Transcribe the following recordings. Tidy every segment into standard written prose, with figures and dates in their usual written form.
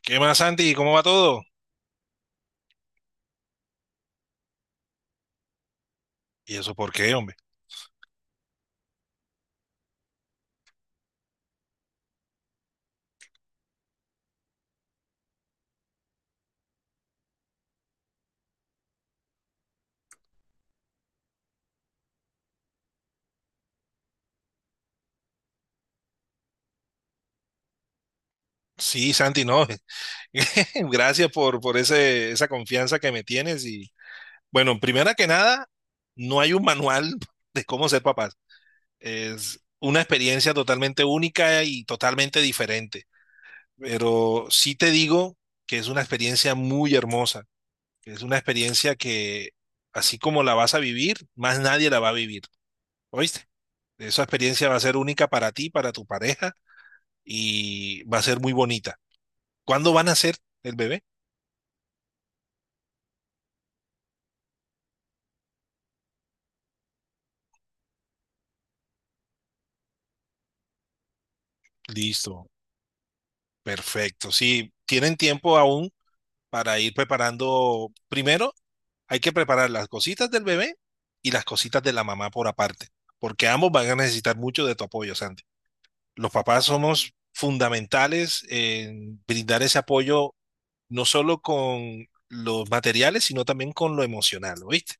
¿Qué más, Santi? ¿Cómo va todo? ¿Y eso por qué, hombre? Sí, Santi, no. Gracias por esa confianza que me tienes. Primera que nada, no hay un manual de cómo ser papás. Es una experiencia totalmente única y totalmente diferente. Pero sí te digo que es una experiencia muy hermosa. Que Es una experiencia que, así como la vas a vivir, más nadie la va a vivir. ¿Oíste? Esa experiencia va a ser única para ti, para tu pareja, y va a ser muy bonita. ¿Cuándo van a ser el bebé? Listo, perfecto. Sí, tienen tiempo aún para ir preparando. Primero, hay que preparar las cositas del bebé y las cositas de la mamá por aparte, porque ambos van a necesitar mucho de tu apoyo, Santi. Los papás somos fundamentales en brindar ese apoyo, no solo con los materiales, sino también con lo emocional, ¿oíste?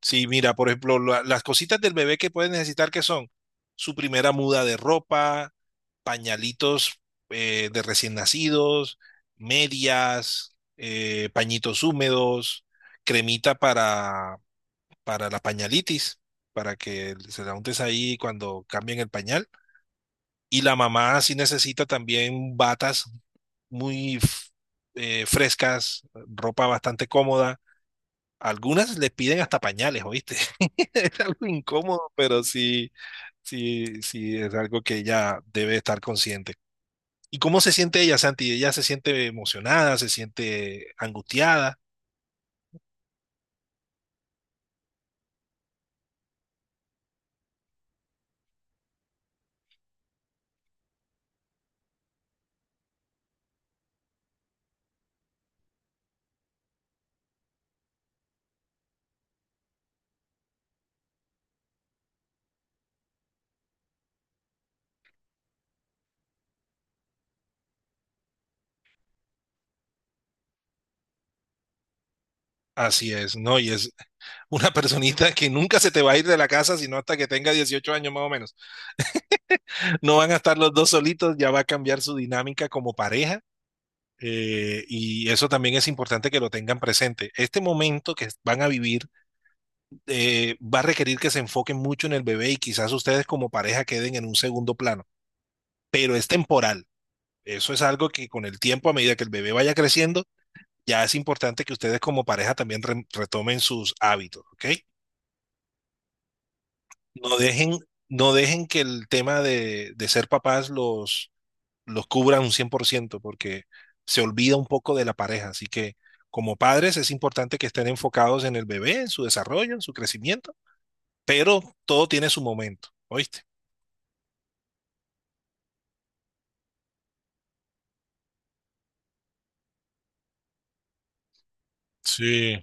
Sí, mira, por ejemplo, las cositas del bebé que puede necesitar, que son? Su primera muda de ropa, pañalitos de recién nacidos, medias, pañitos húmedos, cremita para la pañalitis, para que se la untes ahí cuando cambien el pañal. Y la mamá sí necesita también batas muy frescas, ropa bastante cómoda. Algunas le piden hasta pañales, ¿oíste? Es algo incómodo, pero sí, sí, sí, es algo que ella debe estar consciente. ¿Y cómo se siente ella, Santi? Ella se siente emocionada, se siente angustiada. Así es, ¿no? Y es una personita que nunca se te va a ir de la casa, sino hasta que tenga 18 años más o menos. No van a estar los dos solitos, ya va a cambiar su dinámica como pareja. Y eso también es importante que lo tengan presente. Este momento que van a vivir va a requerir que se enfoquen mucho en el bebé y quizás ustedes como pareja queden en un segundo plano, pero es temporal. Eso es algo que con el tiempo, a medida que el bebé vaya creciendo, ya es importante que ustedes como pareja también re retomen sus hábitos, ¿ok? No dejen, no dejen que el tema de ser papás los cubra un cien por ciento, porque se olvida un poco de la pareja. Así que como padres es importante que estén enfocados en el bebé, en su desarrollo, en su crecimiento, pero todo tiene su momento, ¿oíste? Sí,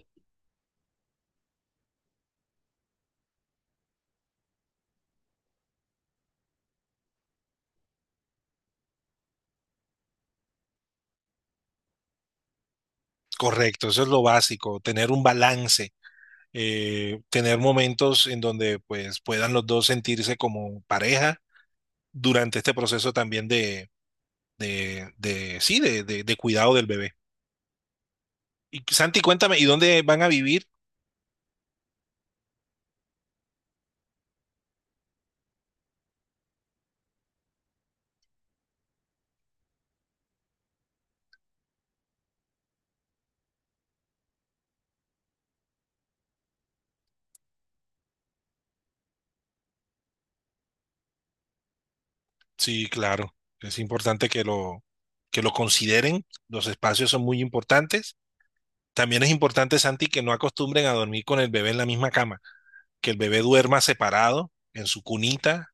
correcto, eso es lo básico, tener un balance, tener momentos en donde pues puedan los dos sentirse como pareja durante este proceso también de sí, de cuidado del bebé. Y Santi, cuéntame, ¿y dónde van a vivir? Sí, claro, es importante que que lo consideren, los espacios son muy importantes. También es importante, Santi, que no acostumbren a dormir con el bebé en la misma cama, que el bebé duerma separado en su cunita,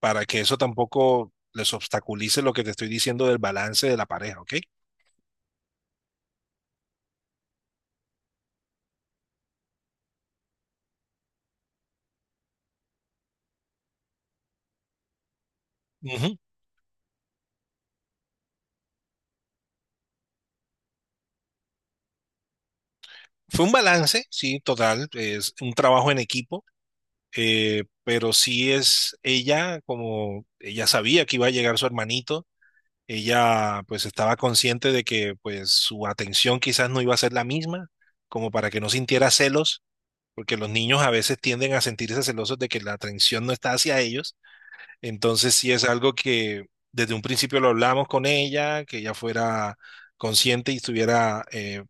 para que eso tampoco les obstaculice lo que te estoy diciendo del balance de la pareja, ¿ok? Ujú. Fue un balance, sí, total, es un trabajo en equipo, pero sí es ella, como ella sabía que iba a llegar su hermanito, ella pues estaba consciente de que pues su atención quizás no iba a ser la misma, como para que no sintiera celos, porque los niños a veces tienden a sentirse celosos de que la atención no está hacia ellos. Entonces sí es algo que desde un principio lo hablamos con ella, que ella fuera consciente y estuviera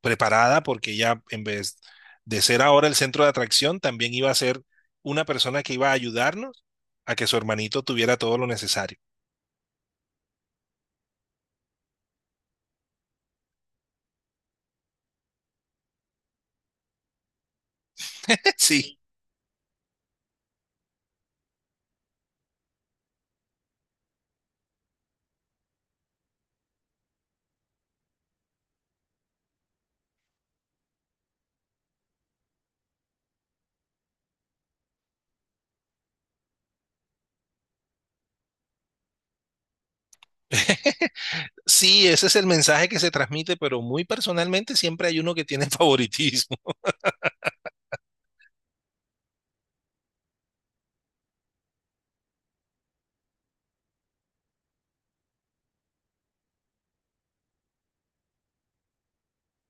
preparada, porque ella en vez de ser ahora el centro de atracción, también iba a ser una persona que iba a ayudarnos a que su hermanito tuviera todo lo necesario. Sí. Sí, ese es el mensaje que se transmite, pero muy personalmente siempre hay uno que tiene favoritismo.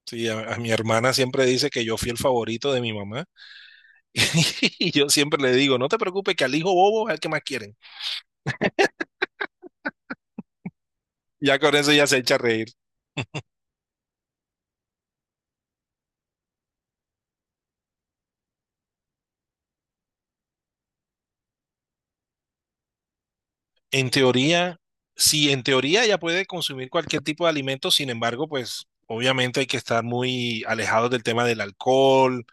Sí, a mi hermana siempre dice que yo fui el favorito de mi mamá, y yo siempre le digo, no te preocupes, que al hijo bobo es el que más quieren. Ya con eso ya se echa a reír. En teoría, sí, en teoría ya puede consumir cualquier tipo de alimento, sin embargo, pues obviamente hay que estar muy alejados del tema del alcohol,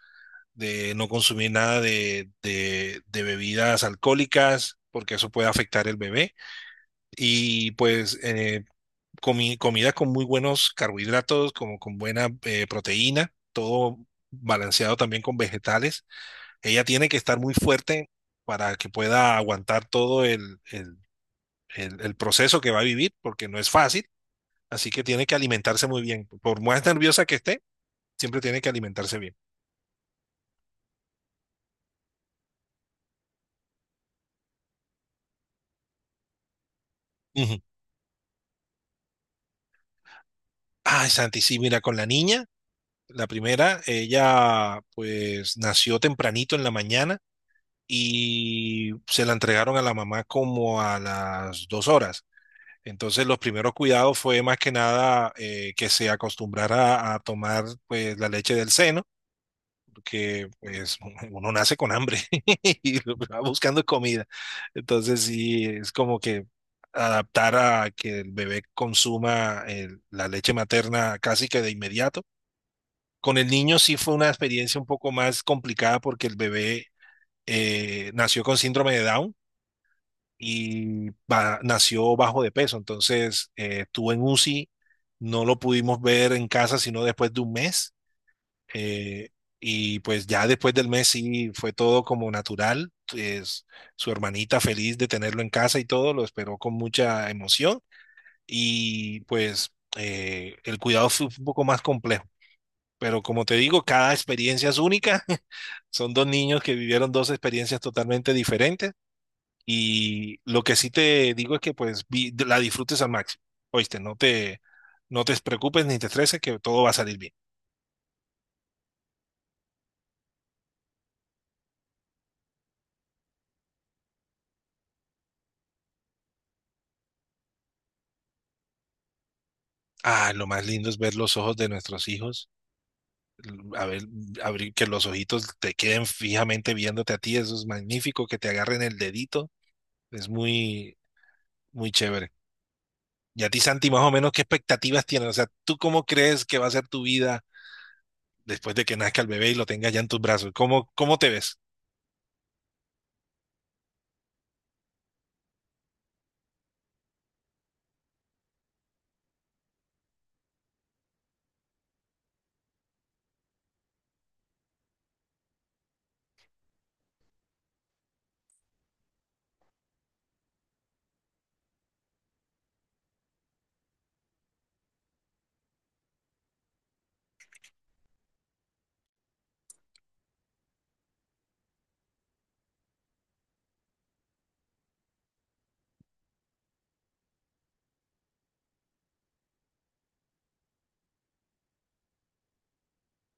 de no consumir nada de bebidas alcohólicas, porque eso puede afectar el bebé. Y pues comida con muy buenos carbohidratos, como con buena proteína, todo balanceado también con vegetales. Ella tiene que estar muy fuerte para que pueda aguantar todo el proceso que va a vivir, porque no es fácil, así que tiene que alimentarse muy bien. Por más nerviosa que esté, siempre tiene que alimentarse bien. Ujú. Ay, Santi, sí, mira, con la niña, la primera, ella pues nació tempranito en la mañana y se la entregaron a la mamá como a las dos horas. Entonces los primeros cuidados fue más que nada que se acostumbrara a tomar pues la leche del seno, que pues uno nace con hambre y va buscando comida. Entonces sí, es como que adaptar a que el bebé consuma la leche materna casi que de inmediato. Con el niño sí fue una experiencia un poco más complicada porque el bebé nació con síndrome de Down y nació bajo de peso. Entonces estuvo en UCI, no lo pudimos ver en casa sino después de un mes eh, y pues ya después del mes sí fue todo como natural. Es, su hermanita feliz de tenerlo en casa y todo, lo esperó con mucha emoción. Y pues el cuidado fue un poco más complejo. Pero como te digo, cada experiencia es única. Son dos niños que vivieron dos experiencias totalmente diferentes. Y lo que sí te digo es que pues la disfrutes al máximo. Oíste, no te, no te preocupes ni te estreses, que todo va a salir bien. Ah, lo más lindo es ver los ojos de nuestros hijos, abrir que los ojitos te queden fijamente viéndote a ti, eso es magnífico, que te agarren el dedito, es muy, muy chévere. Y a ti, Santi, más o menos, ¿qué expectativas tienes? O sea, ¿tú cómo crees que va a ser tu vida después de que nazca el bebé y lo tengas ya en tus brazos? ¿Cómo, cómo te ves?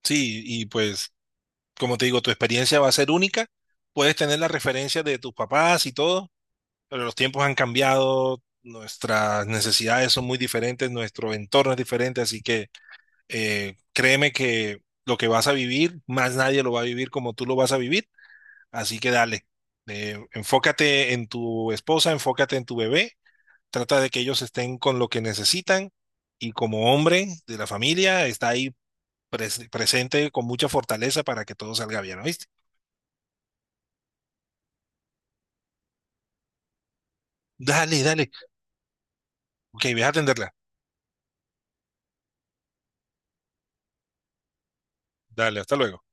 Sí, y pues, como te digo, tu experiencia va a ser única, puedes tener la referencia de tus papás y todo. Pero los tiempos han cambiado, nuestras necesidades son muy diferentes, nuestro entorno es diferente, así que créeme que lo que vas a vivir, más nadie lo va a vivir como tú lo vas a vivir, así que dale. Enfócate en tu esposa, enfócate en tu bebé, trata de que ellos estén con lo que necesitan, y como hombre de la familia está ahí presente con mucha fortaleza para que todo salga bien, ¿oíste? Dale, dale. Ok, voy a atenderla. Dale, hasta luego.